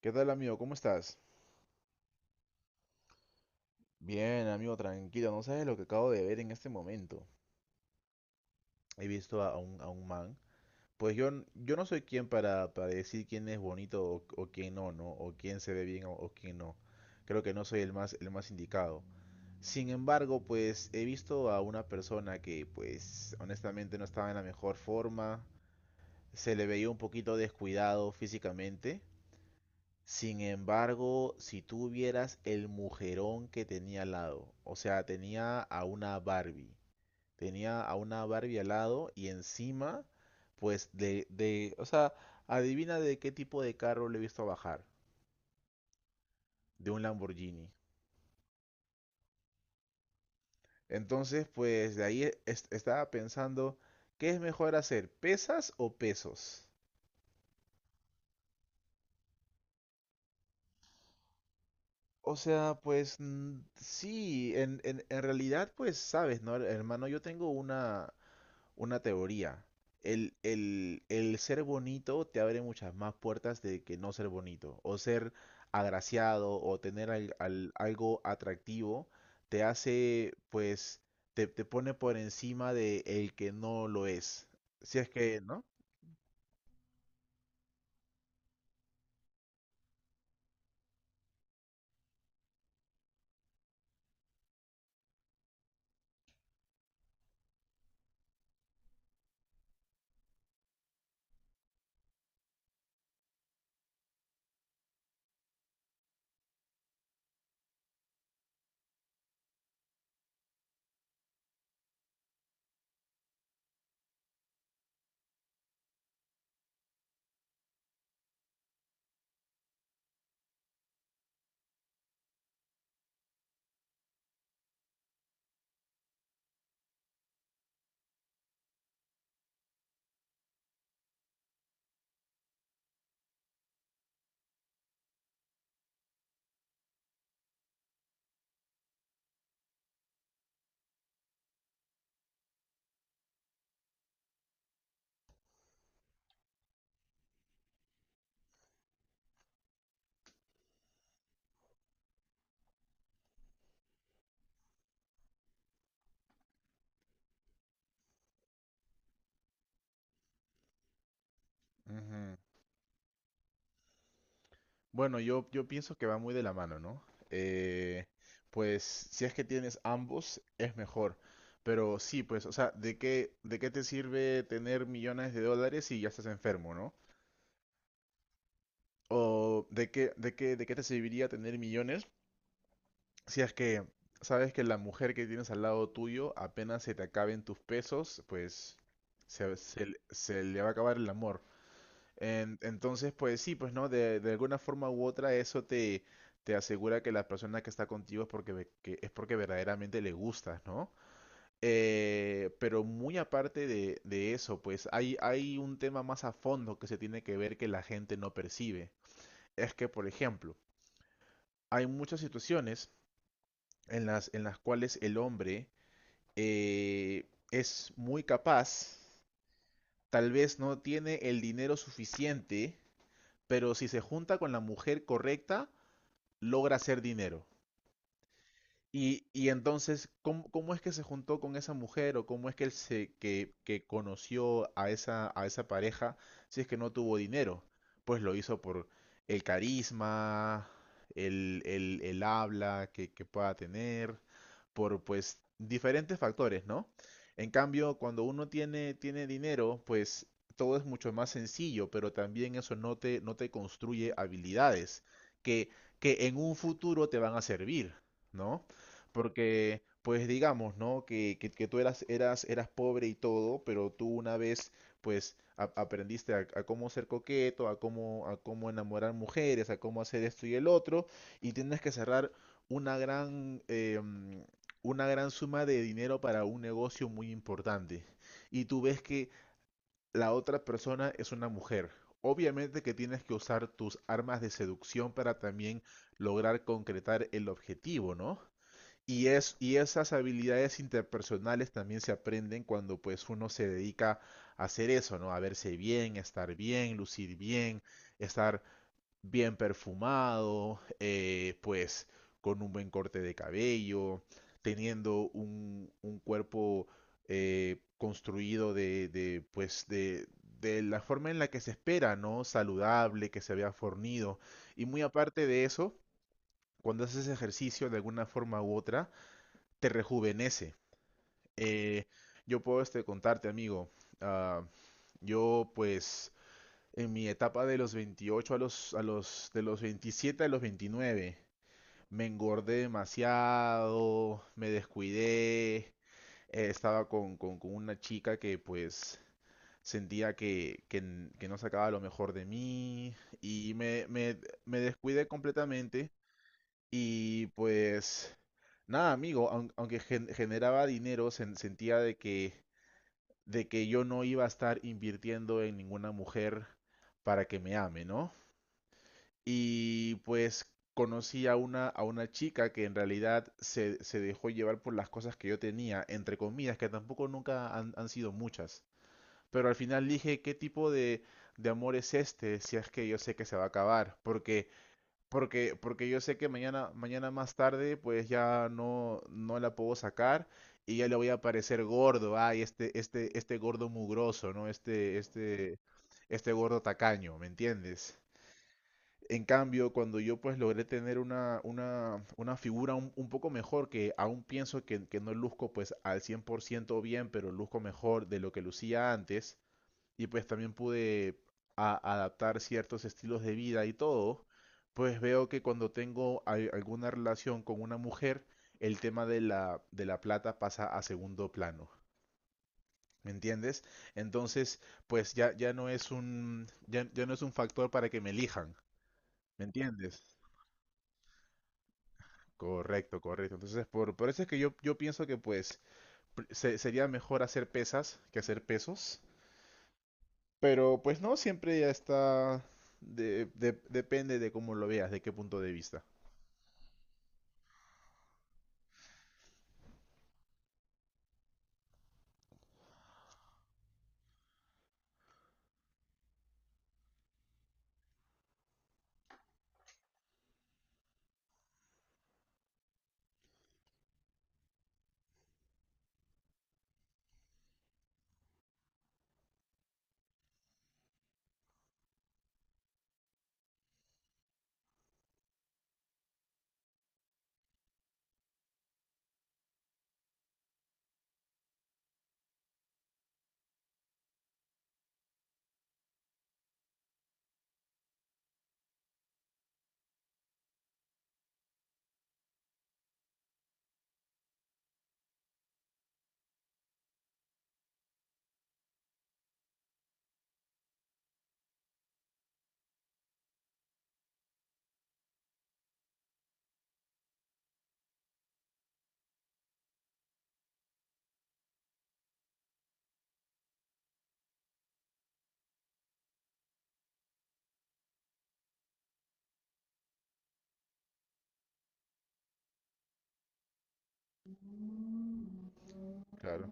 ¿Qué tal, amigo? ¿Cómo estás? Bien, amigo, tranquilo. No sabes lo que acabo de ver en este momento. He visto a un man. Pues yo no soy quien para decir quién es bonito o quién no, ¿no? O quién se ve bien o quién no. Creo que no soy el más indicado. Sin embargo, pues he visto a una persona que, pues, honestamente no estaba en la mejor forma. Se le veía un poquito descuidado físicamente. Sin embargo, si tú vieras el mujerón que tenía al lado, o sea, tenía a una Barbie, tenía a una Barbie al lado y encima, pues o sea, adivina de qué tipo de carro le he visto bajar, de un Lamborghini. Entonces, pues de ahí estaba pensando, ¿qué es mejor hacer, pesas o pesos? O sea, pues sí, en realidad, pues sabes, ¿no? Hermano, yo tengo una teoría. El ser bonito te abre muchas más puertas de que no ser bonito. O ser agraciado o tener algo atractivo te hace, pues, te pone por encima de el que no lo es. Si es que, ¿no? Ujú. Bueno, yo pienso que va muy de la mano, ¿no? Eh, pues si es que tienes ambos, es mejor. Pero sí, pues, o sea, ¿de qué, de qué, te sirve tener millones de dólares si ya estás enfermo, no? O de qué, de qué te serviría tener millones si es que sabes que la mujer que tienes al lado tuyo apenas se te acaben tus pesos, pues se le va a acabar el amor. Entonces, pues sí, pues no, de alguna forma u otra eso te asegura que la persona que está contigo es porque, ve- que es porque verdaderamente le gustas, ¿no? Pero muy aparte de eso, pues hay un tema más a fondo que se tiene que ver que la gente no percibe. Es que, por ejemplo, hay muchas situaciones en las cuales el hombre eh, es muy capaz, tal vez no tiene el dinero suficiente, pero si se junta con la mujer correcta, logra hacer dinero y entonces, ¿cómo es que se juntó con esa mujer o cómo es que él que conoció a esa pareja si es que no tuvo dinero? Pues lo hizo por el carisma, el habla que pueda tener, por pues diferentes factores, ¿no? En cambio, cuando uno tiene, dinero, pues todo es mucho más sencillo, pero también eso no te construye habilidades que, que en un futuro te van a servir, ¿no? Porque, pues digamos, ¿no? Que tú eras pobre y todo, pero tú una vez, pues, aprendiste a cómo ser coqueto, a cómo enamorar mujeres, a cómo hacer esto y el otro, y tienes que cerrar una gran, eh, mm, una gran suma de dinero para un negocio muy importante. Y tú ves que la otra persona es una mujer. Obviamente que tienes que usar tus armas de seducción para también lograr concretar el objetivo, ¿no? Y esas habilidades interpersonales también se aprenden cuando pues uno se dedica a hacer eso, ¿no? A verse bien, estar bien, lucir bien, estar bien perfumado, pues con un buen corte de cabello, teniendo un cuerpo construido de la forma en la que se espera, ¿no? Saludable, que se vea fornido. Y muy aparte de eso, cuando haces ejercicio de alguna forma u otra, te rejuvenece. Eh, yo puedo contarte, amigo. ah, yo, pues, en mi etapa de los 28 de los 27 a los 29, me engordé demasiado, me descuidé. Estaba con una chica que, pues, sentía que no sacaba lo mejor de mí y me descuidé completamente. Y pues, nada, amigo, aunque generaba dinero, sentía de que, yo no iba a estar invirtiendo en ninguna mujer para que me ame, ¿no? Y pues conocí a una chica que en realidad se dejó llevar por las cosas que yo tenía, entre comillas, que tampoco nunca han sido muchas. Pero al final dije, ¿qué tipo de amor es este si es que yo sé que se va a acabar? Porque yo sé que mañana, mañana más tarde, pues ya no la puedo sacar y ya le voy a parecer gordo. Ay, este gordo mugroso, ¿no? Este gordo tacaño, ¿me entiendes? En cambio, cuando yo pues logré tener una figura un poco mejor, que aún pienso que no luzco pues al 100% bien, pero luzco mejor de lo que lucía antes, y pues también pude adaptar ciertos estilos de vida y todo, pues veo que cuando tengo alguna relación con una mujer, el tema de la, plata pasa a segundo plano. ¿Me entiendes? Entonces, pues ya no es un factor para que me elijan. ¿Me entiendes? Correcto, correcto. Entonces, por, eso es que yo pienso que pues sería mejor hacer pesas que hacer pesos. Pero pues no, siempre ya está, depende de cómo lo veas, de qué punto de vista. Claro.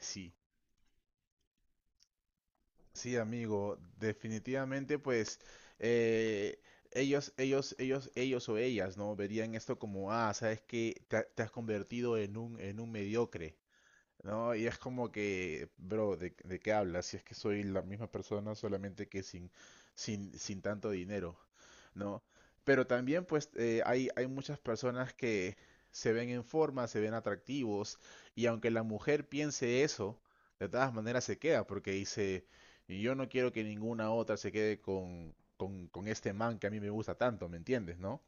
Sí, sí, amigo, definitivamente pues eh, ellos o ellas, ¿no? Verían esto como, sabes que te has convertido en un mediocre. No, y es como que, bro, ¿de qué hablas? Si es que soy la misma persona, solamente que sin tanto dinero, ¿no? Pero también, pues, hay muchas personas que se ven en forma, se ven atractivos, y aunque la mujer piense eso, de todas maneras se queda, porque dice, yo no quiero que ninguna otra se quede con este man que a mí me gusta tanto, ¿me entiendes, no?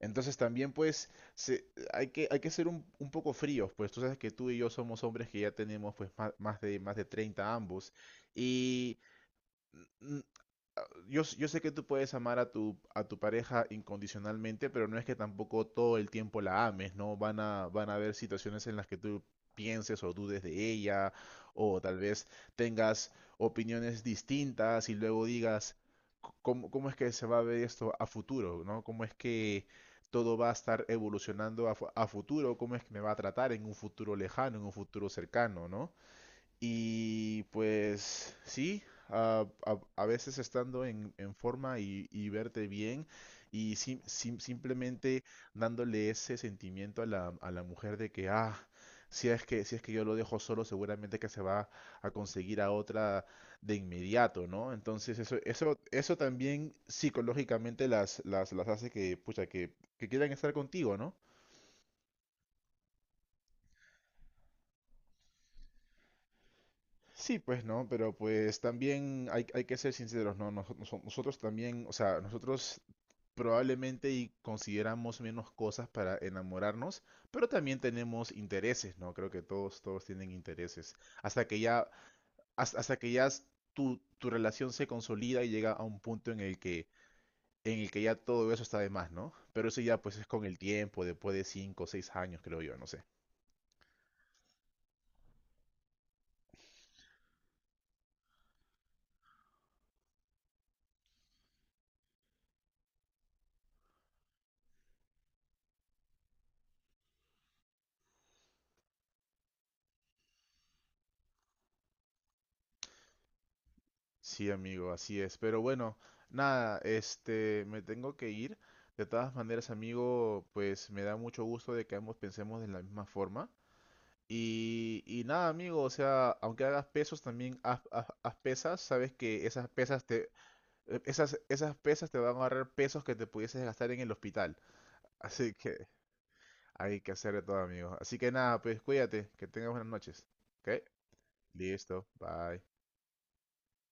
Entonces también pues se- hay que, ser un poco fríos, pues tú sabes que tú y yo somos hombres que ya tenemos pues más de 30 ambos y mm, yo, sé que tú puedes amar a tu pareja incondicionalmente, pero no es que tampoco todo el tiempo la ames, ¿no? Van a haber situaciones en las que tú pienses o dudes de ella, o tal vez tengas opiniones distintas y luego digas, "¿Cómo es que se va a ver esto a futuro, ¿no? ¿Cómo es que todo va a estar evolucionando a futuro? ¿Cómo es que me va a tratar en un futuro lejano, en un futuro cercano, ¿no? Y pues sí, a veces estando en forma y verte bien y simplemente dándole ese sentimiento a la, mujer de que, si es que yo lo dejo solo, seguramente que se va a conseguir a otra de inmediato, ¿no? Entonces eso también psicológicamente las hace que, pucha, que quieran estar contigo, ¿no? Sí, pues no, pero pues también hay que ser sinceros, ¿no? Nosotros también, o sea, nosotros probablemente y consideramos menos cosas para enamorarnos, pero también tenemos intereses, ¿no? Creo que todos tienen intereses. Hasta que ya, has- hasta que ya s- tu relación se consolida y llega a un punto en el que ya todo eso está de más, ¿no? Pero eso ya pues es con el tiempo, después de 5 o 6 años, creo yo, no sé. Sí, amigo, así es. Pero bueno, nada, me tengo que ir. De todas maneras, amigo, pues me da mucho gusto de que ambos pensemos de la misma forma. Y nada, amigo, o sea, aunque hagas pesos, también haz pesas. Sabes que esas pesas te van a ahorrar pesos que te pudieses gastar en el hospital. Así que hay que hacer de todo, amigo. Así que nada, pues cuídate, que tengas buenas noches. ¿Ok? Listo, bye.